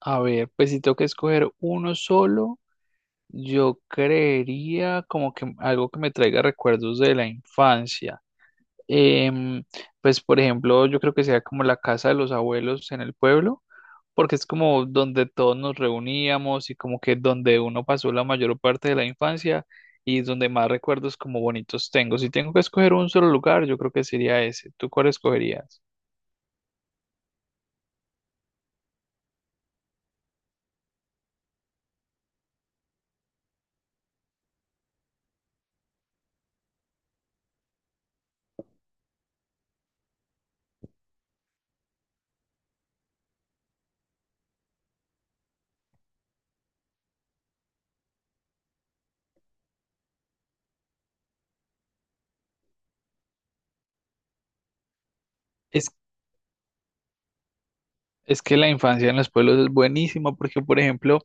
A ver, pues si tengo que escoger uno solo, yo creería como que algo que me traiga recuerdos de la infancia. Em, pues por ejemplo, yo creo que sea como la casa de los abuelos en el pueblo, porque es como donde todos nos reuníamos y como que donde uno pasó la mayor parte de la infancia y donde más recuerdos como bonitos tengo. Si tengo que escoger un solo lugar, yo creo que sería ese. ¿Tú cuál escogerías? Es, es que la infancia en los pueblos es buenísima porque, por ejemplo,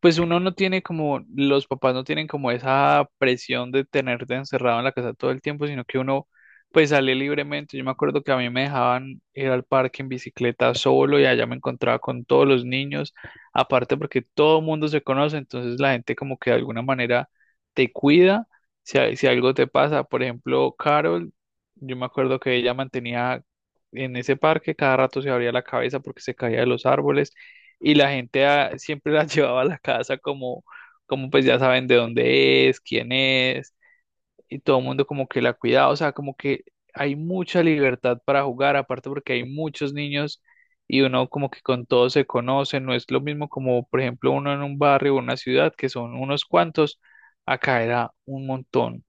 pues uno no tiene como, los papás no tienen como esa presión de tenerte encerrado en la casa todo el tiempo, sino que uno pues sale libremente. Yo me acuerdo que a mí me dejaban ir al parque en bicicleta solo y allá me encontraba con todos los niños, aparte porque todo el mundo se conoce, entonces la gente como que de alguna manera te cuida si algo te pasa. Por ejemplo, Carol, yo me acuerdo que ella mantenía en ese parque, cada rato se abría la cabeza porque se caía de los árboles y la gente siempre las llevaba a la casa como, como pues ya saben de dónde es, quién es, y todo el mundo como que la cuidaba, o sea, como que hay mucha libertad para jugar, aparte porque hay muchos niños y uno como que con todos se conoce, no es lo mismo como por ejemplo uno en un barrio o una ciudad que son unos cuantos, acá era un montón.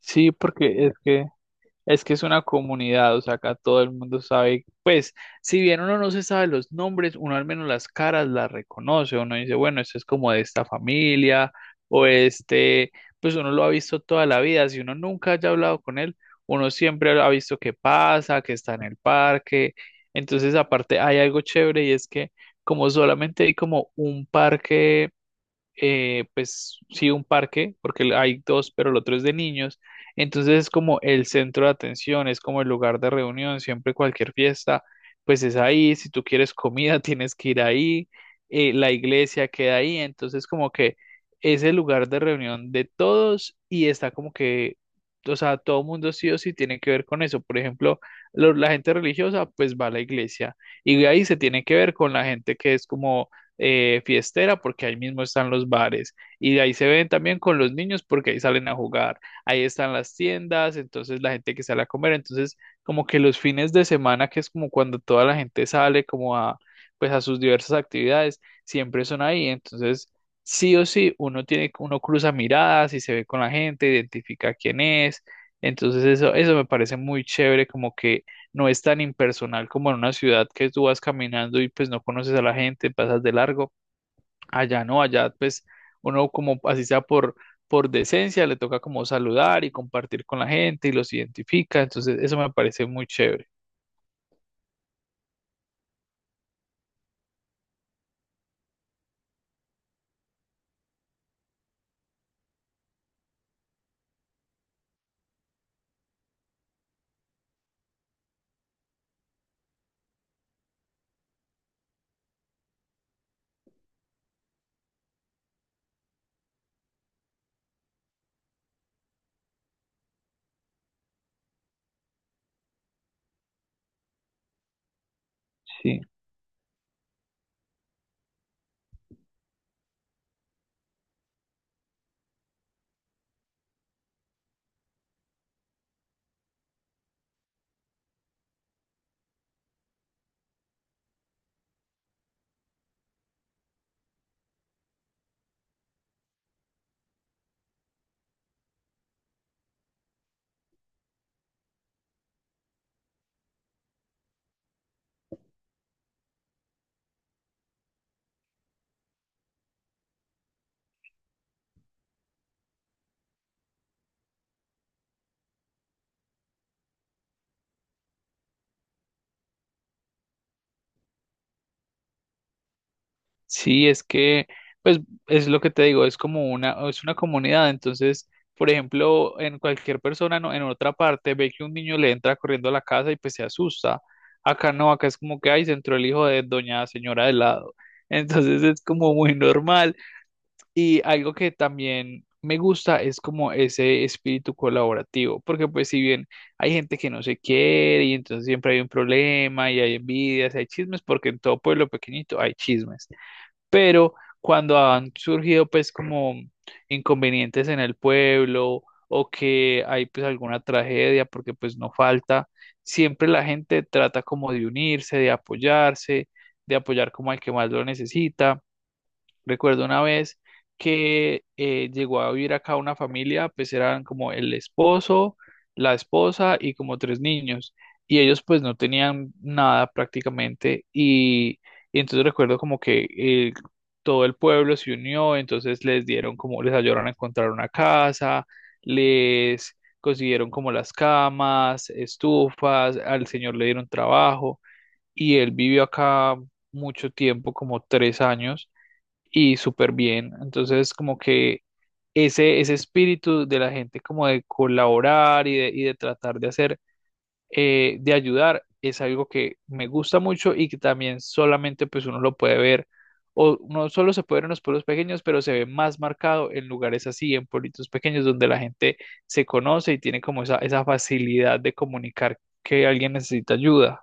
Sí, porque es que… Es que es una comunidad, o sea, acá todo el mundo sabe, pues, si bien uno no se sabe los nombres, uno al menos las caras las reconoce, uno dice, bueno, esto es como de esta familia, o este, pues uno lo ha visto toda la vida, si uno nunca haya hablado con él, uno siempre ha visto qué pasa, que está en el parque, entonces aparte hay algo chévere y es que como solamente hay como un parque, pues sí, un parque, porque hay dos, pero el otro es de niños. Entonces es como el centro de atención, es como el lugar de reunión, siempre cualquier fiesta, pues es ahí, si tú quieres comida, tienes que ir ahí, la iglesia queda ahí, entonces como que es el lugar de reunión de todos y está como que, o sea, todo mundo sí o sí tiene que ver con eso. Por ejemplo, la gente religiosa pues va a la iglesia y de ahí se tiene que ver con la gente que es como, fiestera porque ahí mismo están los bares y de ahí se ven también con los niños porque ahí salen a jugar, ahí están las tiendas, entonces la gente que sale a comer, entonces como que los fines de semana que es como cuando toda la gente sale como a, pues a sus diversas actividades, siempre son ahí, entonces sí o sí uno tiene uno cruza miradas y se ve con la gente, identifica quién es, entonces eso me parece muy chévere como que no es tan impersonal como en una ciudad que tú vas caminando y pues no conoces a la gente, pasas de largo. Allá no, allá pues uno como así sea por decencia, le toca como saludar y compartir con la gente y los identifica. Entonces eso me parece muy chévere. Sí. Sí, es que, pues, es lo que te digo, es como una, es una comunidad. Entonces, por ejemplo, en cualquier persona, no, en otra parte, ve que un niño le entra corriendo a la casa y pues se asusta. Acá no, acá es como que, ay, se entró el hijo de doña señora de lado. Entonces es como muy normal. Y algo que también me gusta es como ese espíritu colaborativo, porque pues si bien hay gente que no se quiere y entonces siempre hay un problema y hay envidias, hay chismes, porque en todo pueblo pequeñito hay chismes, pero cuando han surgido pues como inconvenientes en el pueblo o que hay pues alguna tragedia, porque pues no falta, siempre la gente trata como de unirse, de apoyarse, de apoyar como al que más lo necesita. Recuerdo una vez que, llegó a vivir acá una familia, pues eran como el esposo, la esposa y como tres niños. Y ellos pues no tenían nada prácticamente. Y entonces recuerdo como que, todo el pueblo se unió, entonces les dieron como, les ayudaron a encontrar una casa, les consiguieron como las camas, estufas, al señor le dieron trabajo. Y él vivió acá mucho tiempo, como 3 años y súper bien. Entonces, como que ese espíritu de la gente como de colaborar y de tratar de hacer, de ayudar es algo que me gusta mucho y que también solamente pues uno lo puede ver, o no solo se puede ver en los pueblos pequeños, pero se ve más marcado en lugares así, en pueblitos pequeños donde la gente se conoce y tiene como esa, facilidad de comunicar que alguien necesita ayuda.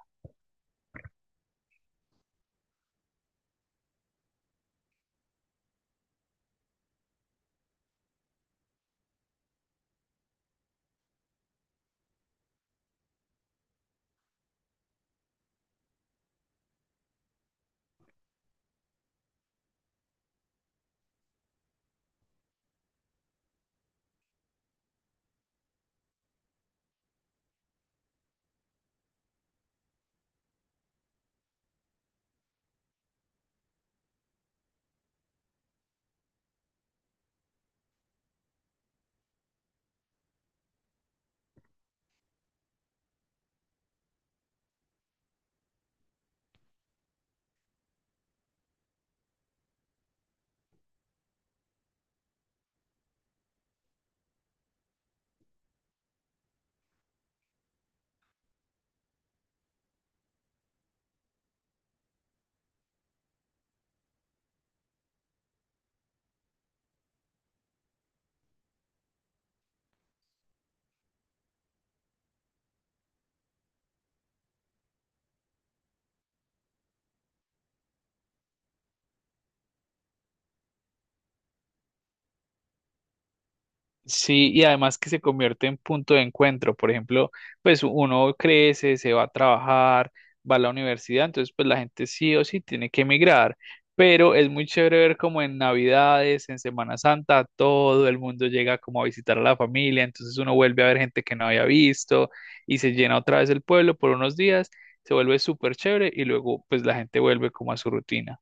Sí, y además que se convierte en punto de encuentro. Por ejemplo, pues uno crece, se va a trabajar, va a la universidad, entonces pues la gente sí o sí tiene que emigrar. Pero es muy chévere ver como en Navidades, en Semana Santa, todo el mundo llega como a visitar a la familia, entonces uno vuelve a ver gente que no había visto y se llena otra vez el pueblo por unos días, se vuelve súper chévere y luego pues la gente vuelve como a su rutina.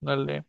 Dale.